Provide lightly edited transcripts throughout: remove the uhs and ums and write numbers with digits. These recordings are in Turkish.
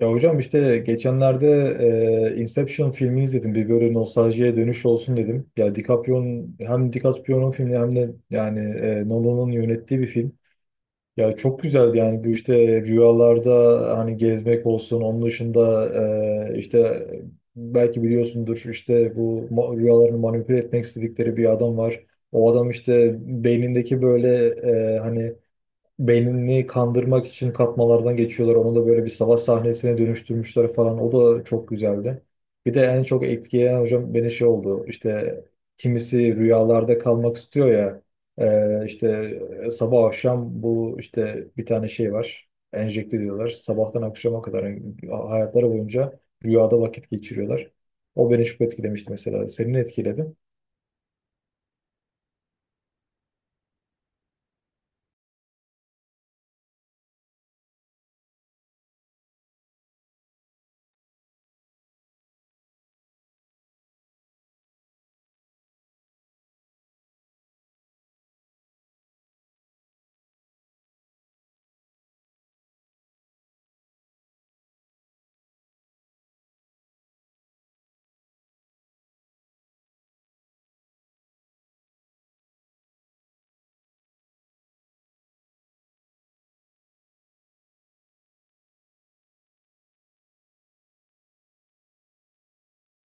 Ya hocam işte geçenlerde Inception filmini izledim. Bir böyle nostaljiye dönüş olsun dedim. Ya DiCaprio'nun hem filmi hem de yani Nolan'ın yönettiği bir film. Ya çok güzeldi yani bu işte rüyalarda hani gezmek olsun. Onun dışında işte belki biliyorsundur işte bu rüyalarını manipüle etmek istedikleri bir adam var. O adam işte beynindeki böyle e, hani beynini kandırmak için katmalardan geçiyorlar. Onu da böyle bir savaş sahnesine dönüştürmüşler falan. O da çok güzeldi. Bir de en çok etkileyen hocam beni şey oldu. İşte kimisi rüyalarda kalmak istiyor ya. İşte sabah akşam bu işte bir tane şey var. Enjekte diyorlar. Sabahtan akşama kadar yani hayatları boyunca rüyada vakit geçiriyorlar. O beni çok etkilemişti mesela. Senin etkiledi.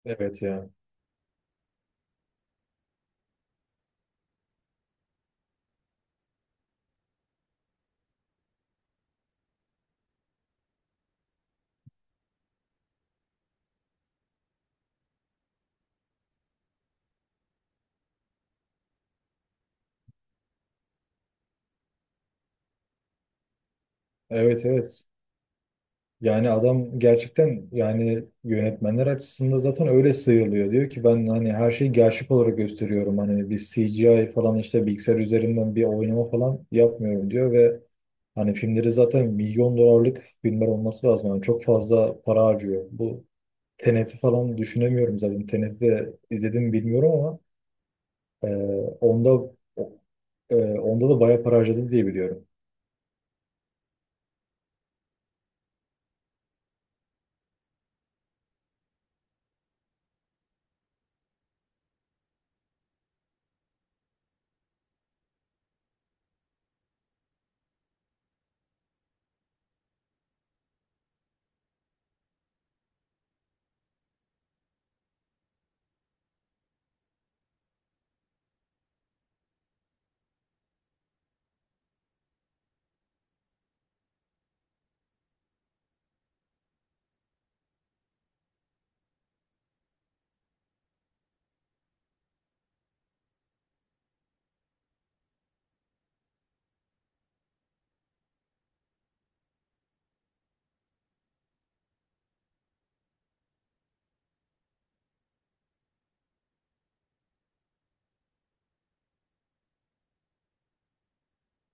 Evet ya. Evet, evet. Yani adam gerçekten yani yönetmenler açısından zaten öyle sıyrılıyor. Diyor ki ben hani her şeyi gerçek olarak gösteriyorum. Hani bir CGI falan işte bilgisayar üzerinden bir oynama falan yapmıyorum diyor ve hani filmleri zaten milyon dolarlık filmler olması lazım. Yani çok fazla para harcıyor. Bu Tenet'i falan düşünemiyorum zaten. Tenet'i de izledim mi bilmiyorum ama e, onda onda da bayağı para harcadı diye biliyorum.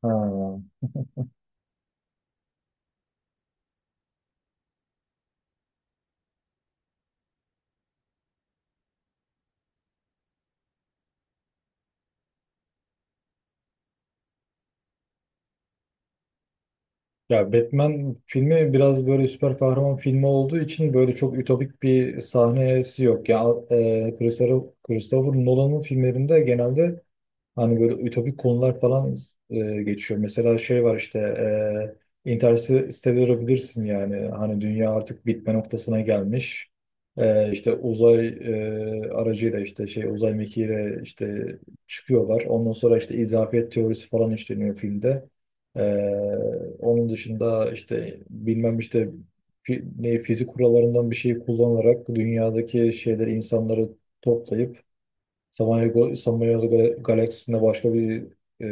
Ha. Ya Batman filmi biraz böyle süper kahraman filmi olduğu için böyle çok ütopik bir sahnesi yok. Ya e, Christopher, Christopher Nolan'ın filmlerinde genelde hani böyle ütopik konular falan geçiyor. Mesela şey var işte Interstellar'ı bilirsin yani. Hani dünya artık bitme noktasına gelmiş. E, işte uzay aracıyla işte şey uzay mekiğiyle işte çıkıyorlar. Ondan sonra işte izafiyet teorisi falan işleniyor filmde. E, onun dışında işte bilmem işte ne fizik kurallarından bir şeyi kullanarak dünyadaki şeyleri insanları toplayıp Samanyolu galaksisinde başka bir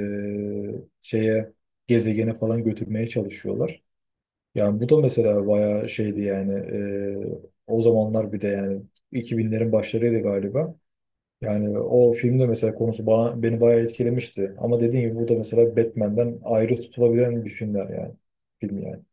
e, şeye gezegene falan götürmeye çalışıyorlar. Yani bu da mesela bayağı şeydi yani e, o zamanlar bir de yani 2000'lerin başlarıydı galiba. Yani o filmde mesela konusu beni bayağı etkilemişti. Ama dediğim gibi bu da mesela Batman'den ayrı tutulabilen bir filmler yani. Film yani.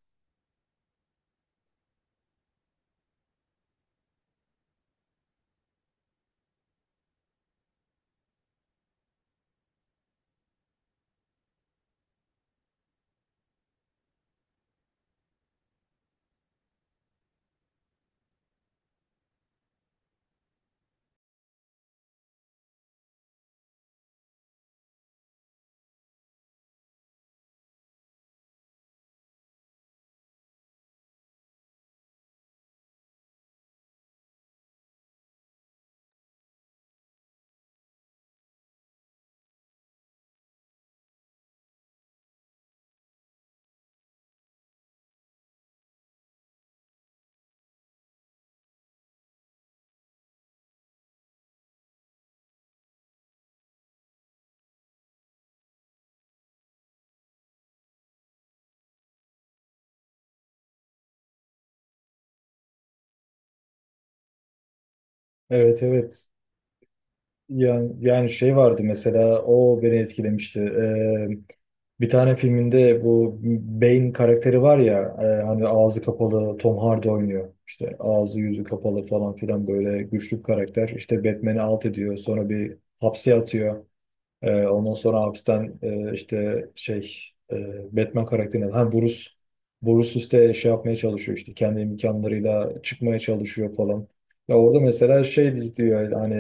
Evet, evet. Yani şey vardı mesela o beni etkilemişti. Bir tane filminde bu Bane karakteri var ya, hani ağzı kapalı Tom Hardy oynuyor. İşte ağzı yüzü kapalı falan filan böyle güçlü bir karakter. İşte Batman'i alt ediyor sonra bir hapse atıyor. Ondan sonra hapisten e, Batman karakterinden ha Bruce işte şey yapmaya çalışıyor işte kendi imkanlarıyla çıkmaya çalışıyor falan. Ya orada mesela şey diyor hani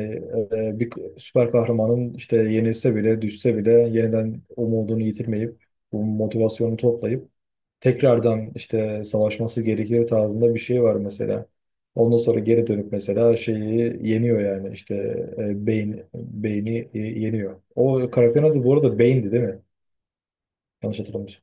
bir süper kahramanın işte yenilse bile düşse bile yeniden umudunu yitirmeyip bu motivasyonu toplayıp tekrardan işte savaşması gerekir tarzında bir şey var mesela. Ondan sonra geri dönüp mesela şeyi yeniyor yani işte yeniyor. O karakterin adı bu arada Bane'di, değil mi? Yanlış hatırlamıyorsam.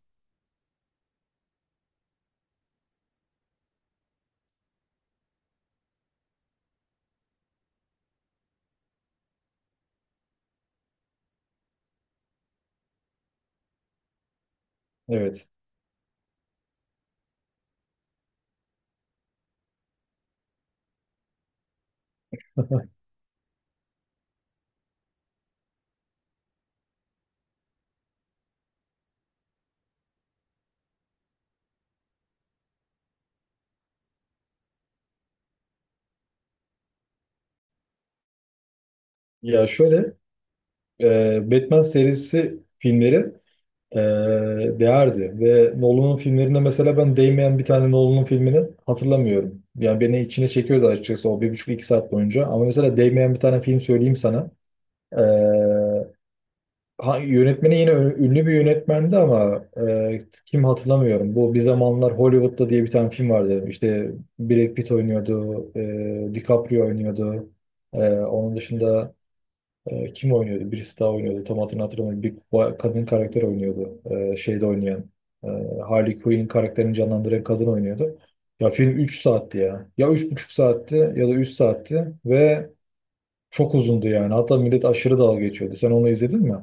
Evet. Ya şöyle, Batman serisi filmleri e, değerdi ve Nolan'ın filmlerinde mesela ben değmeyen bir tane Nolan'ın filmini hatırlamıyorum. Yani beni içine çekiyordu açıkçası o bir buçuk iki saat boyunca. Ama mesela değmeyen bir tane film söyleyeyim sana. E, Ha, yönetmeni yine ünlü bir yönetmendi ama e, kim hatırlamıyorum. Bu Bir Zamanlar Hollywood'da diye bir tane film vardı. İşte Brad Pitt oynuyordu, DiCaprio oynuyordu. E, onun dışında kim oynuyordu? Birisi daha oynuyordu. Tam hatırlamıyorum. Bir kadın karakter oynuyordu. E, şeyde oynayan. E, Harley Quinn karakterini canlandıran kadın oynuyordu. Ya film 3 saatti ya. Ya üç buçuk saatti ya da 3 saatti ve çok uzundu yani. Hatta millet aşırı dalga geçiyordu. Sen onu izledin mi?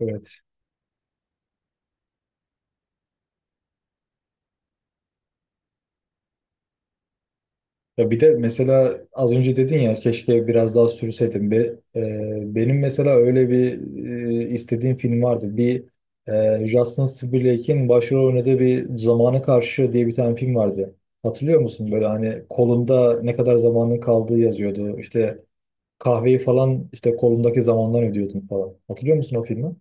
Evet. Ya bir de mesela az önce dedin ya keşke biraz daha sürseydim. Benim mesela öyle bir istediğim film vardı. Bir Justin Timberlake'in başrol oynadığı bir Zamana Karşı diye bir tane film vardı. Hatırlıyor musun? Böyle hani kolunda ne kadar zamanın kaldığı yazıyordu. İşte kahveyi falan işte kolundaki zamandan ödüyordun falan. Hatırlıyor musun o filmi?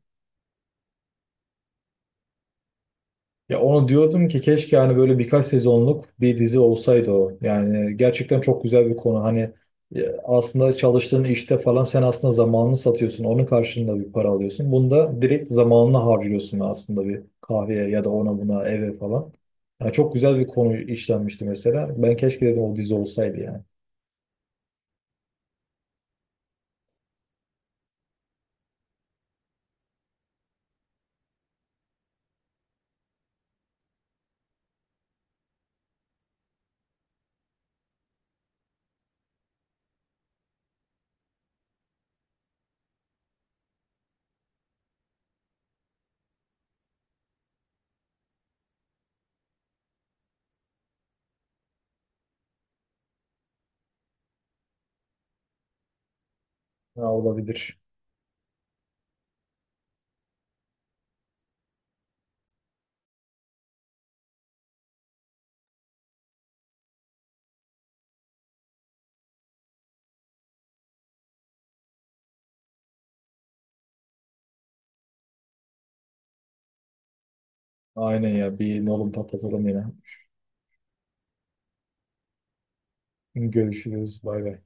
Ya onu diyordum ki keşke hani böyle birkaç sezonluk bir dizi olsaydı o. Yani gerçekten çok güzel bir konu. Hani aslında çalıştığın işte falan sen aslında zamanını satıyorsun. Onun karşılığında bir para alıyorsun. Bunda direkt zamanını harcıyorsun aslında bir kahveye ya da ona buna eve falan. Yani çok güzel bir konu işlenmişti mesela. Ben keşke dedim o dizi olsaydı yani. Ha, olabilir. Aynen ya, bir nolum patlatalım yine. Görüşürüz. Bay bay.